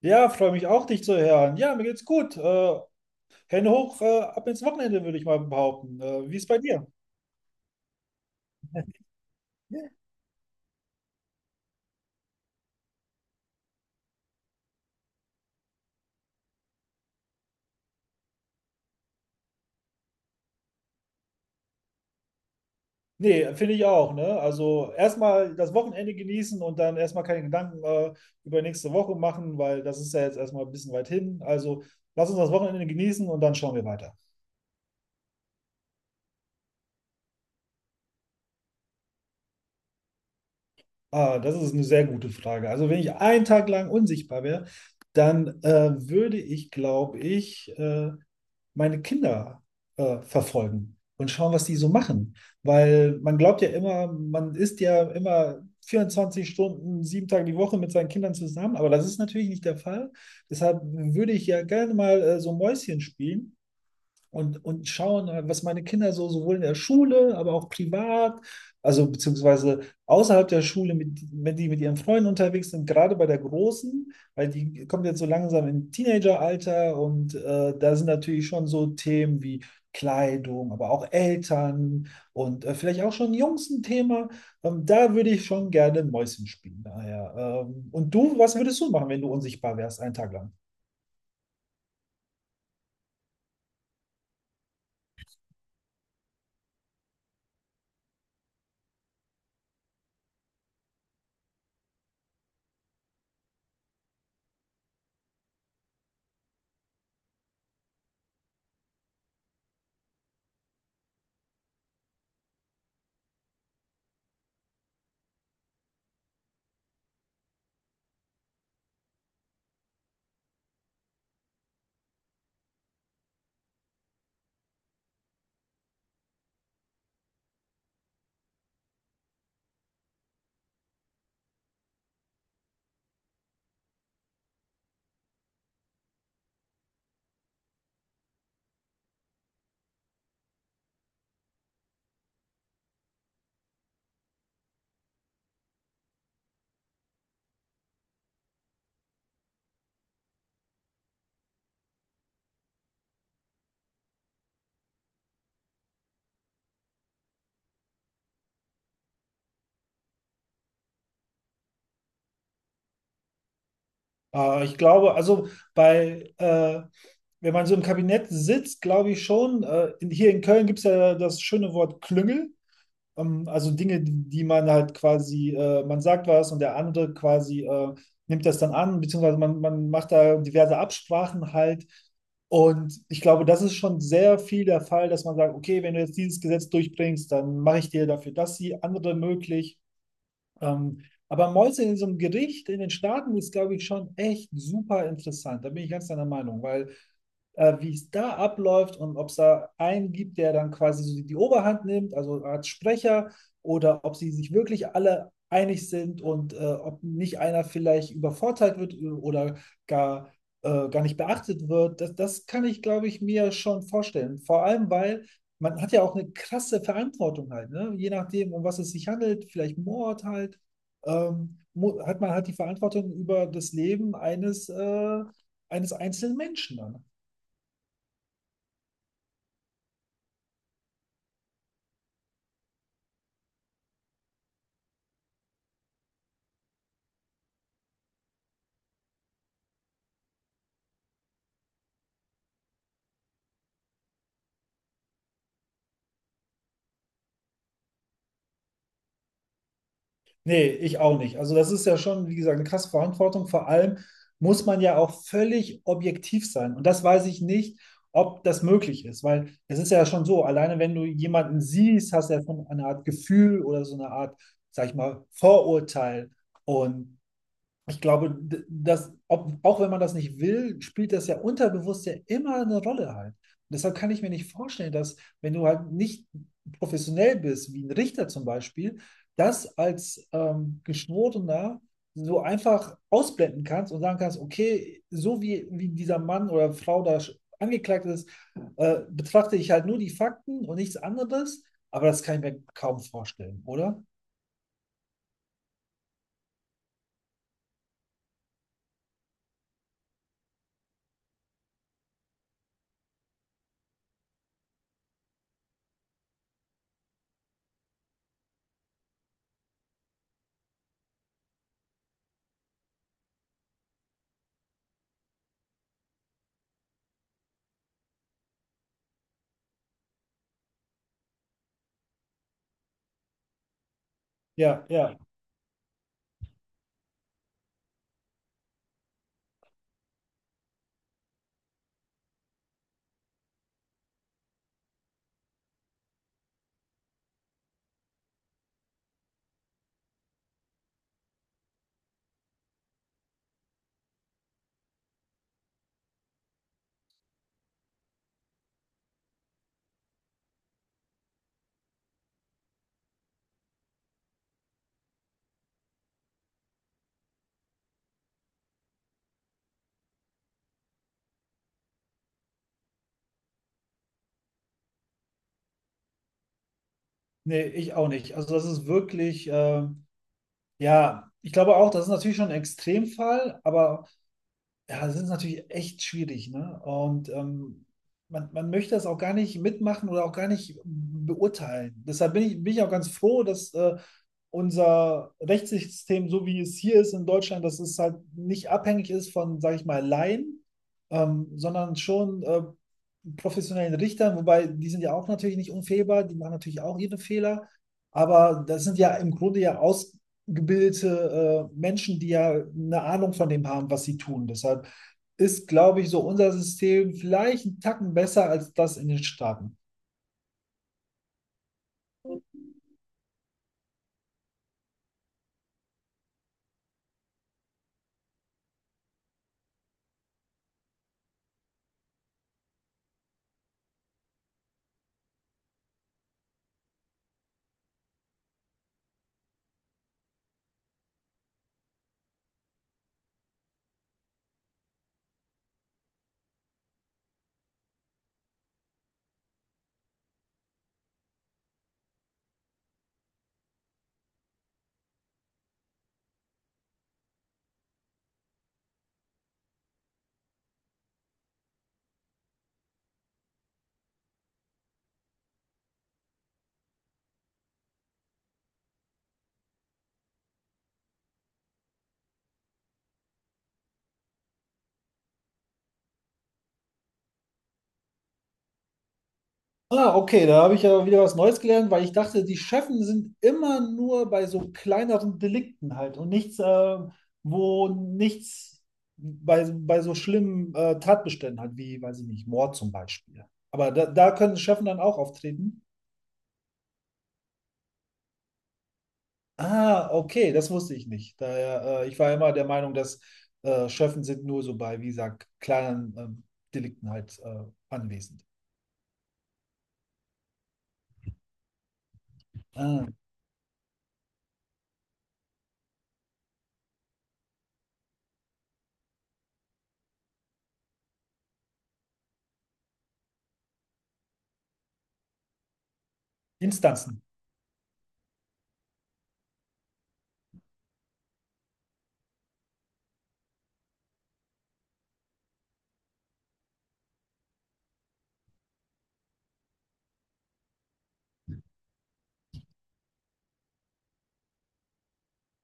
Ja, freue mich auch, dich zu hören. Ja, mir geht's gut. Hände hoch, ab ins Wochenende, würde ich mal behaupten. Wie ist bei dir? Nee, finde ich auch, ne? Also erstmal das Wochenende genießen und dann erstmal keine Gedanken über nächste Woche machen, weil das ist ja jetzt erstmal ein bisschen weit hin. Also lass uns das Wochenende genießen und dann schauen wir weiter. Ah, das ist eine sehr gute Frage. Also wenn ich einen Tag lang unsichtbar wäre, dann würde ich, glaube ich, meine Kinder verfolgen und schauen, was die so machen. Weil man glaubt ja immer, man ist ja immer 24 Stunden, 7 Tage die Woche mit seinen Kindern zusammen, aber das ist natürlich nicht der Fall. Deshalb würde ich ja gerne mal so Mäuschen spielen und schauen, was meine Kinder so sowohl in der Schule, aber auch privat, also beziehungsweise außerhalb der Schule, mit, wenn die mit ihren Freunden unterwegs sind, gerade bei der Großen, weil die kommt jetzt so langsam in Teenageralter und da sind natürlich schon so Themen wie Kleidung, aber auch Eltern und vielleicht auch schon Jungs ein Thema. Da würde ich schon gerne Mäuschen spielen. Daher, und du, was würdest du machen, wenn du unsichtbar wärst, einen Tag lang? Ich glaube, also bei, äh, wenn man so im Kabinett sitzt, glaube ich schon, hier in Köln gibt es ja das schöne Wort Klüngel. Also Dinge, die man halt quasi, man sagt was und der andere quasi nimmt das dann an, beziehungsweise man macht da diverse Absprachen halt. Und ich glaube, das ist schon sehr viel der Fall, dass man sagt, okay, wenn du jetzt dieses Gesetz durchbringst, dann mache ich dir dafür das, die andere möglich. Ähm, aber Mäuse in so einem Gericht in den Staaten ist, glaube ich, schon echt super interessant. Da bin ich ganz deiner Meinung, weil wie es da abläuft und ob es da einen gibt, der dann quasi so die die Oberhand nimmt, also als Sprecher, oder ob sie sich wirklich alle einig sind und ob nicht einer vielleicht übervorteilt wird oder gar, gar nicht beachtet wird, das, das kann ich, glaube ich, mir schon vorstellen. Vor allem, weil man hat ja auch eine krasse Verantwortung halt, ne? Je nachdem, um was es sich handelt, vielleicht Mord halt, hat man halt die Verantwortung über das Leben eines, eines einzelnen Menschen dann. Nee, ich auch nicht. Also das ist ja schon, wie gesagt, eine krasse Verantwortung. Vor allem muss man ja auch völlig objektiv sein. Und das weiß ich nicht, ob das möglich ist, weil es ist ja schon so, alleine wenn du jemanden siehst, hast du ja schon eine Art Gefühl oder so eine Art, sag ich mal, Vorurteil. Und ich glaube, dass, ob, auch wenn man das nicht will, spielt das ja unterbewusst ja immer eine Rolle halt. Und deshalb kann ich mir nicht vorstellen, dass, wenn du halt nicht professionell bist, wie ein Richter zum Beispiel, das als Geschworener so einfach ausblenden kannst und sagen kannst, okay, so wie, wie dieser Mann oder Frau da angeklagt ist, betrachte ich halt nur die Fakten und nichts anderes. Aber das kann ich mir kaum vorstellen, oder? Ja, ja. Nee, ich auch nicht. Also das ist wirklich, ja, ich glaube auch, das ist natürlich schon ein Extremfall, aber ja, das ist natürlich echt schwierig, ne? Und man möchte das auch gar nicht mitmachen oder auch gar nicht beurteilen. Deshalb bin ich auch ganz froh, dass unser Rechtssystem, so wie es hier ist in Deutschland, dass es halt nicht abhängig ist von, sage ich mal, Laien, sondern schon professionellen Richtern, wobei die sind ja auch natürlich nicht unfehlbar, die machen natürlich auch ihre Fehler, aber das sind ja im Grunde ja ausgebildete Menschen, die ja eine Ahnung von dem haben, was sie tun. Deshalb ist, glaube ich, so unser System vielleicht einen Tacken besser als das in den Staaten. Ah, okay, da habe ich ja wieder was Neues gelernt, weil ich dachte, die Chefen sind immer nur bei so kleineren Delikten halt und nichts, wo nichts bei, bei so schlimmen Tatbeständen halt, wie, weiß ich nicht, Mord zum Beispiel. Aber da, da können Chefen dann auch auftreten. Ah, okay, das wusste ich nicht. Daher, ich war immer der Meinung, dass Chefen sind nur so bei, wie gesagt, kleinen Delikten halt anwesend. Ah, Instanzen.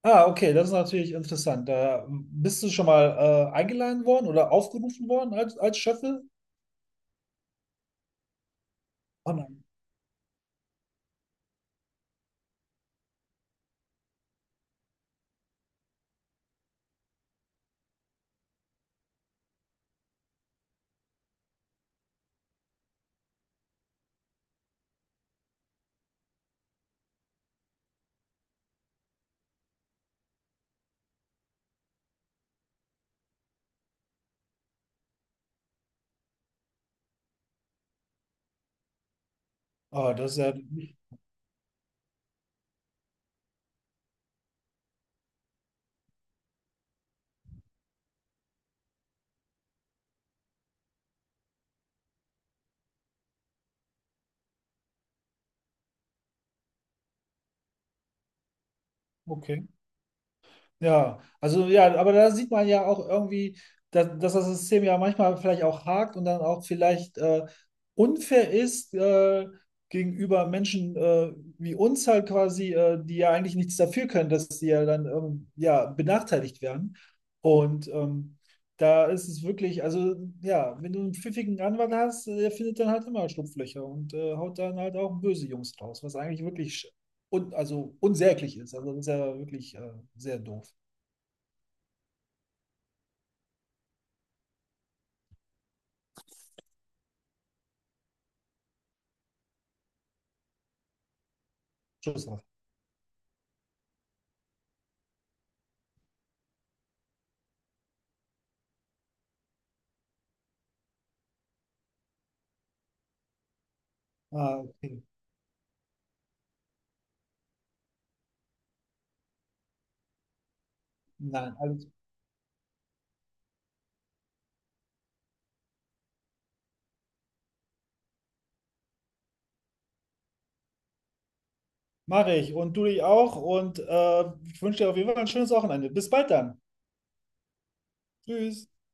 Ah, okay, das ist natürlich interessant. Da bist du schon mal eingeladen worden oder aufgerufen worden als, als Schöffel? Oh nein. Ah, das ist ja. Okay. Ja, also ja, aber da sieht man ja auch irgendwie, dass, dass das System ja manchmal vielleicht auch hakt und dann auch vielleicht unfair ist gegenüber Menschen wie uns halt quasi, die ja eigentlich nichts dafür können, dass sie ja dann ja, benachteiligt werden. Und da ist es wirklich, also ja, wenn du einen pfiffigen Anwalt hast, der findet dann halt immer Schlupflöcher und haut dann halt auch böse Jungs raus, was eigentlich wirklich sch- un also unsäglich ist. Also das ist ja wirklich sehr doof. Schusshaft. Ah, okay. Nein, alles mache ich. Und du dich auch. Und ich wünsche dir auf jeden Fall ein schönes Wochenende. Bis bald dann. Tschüss.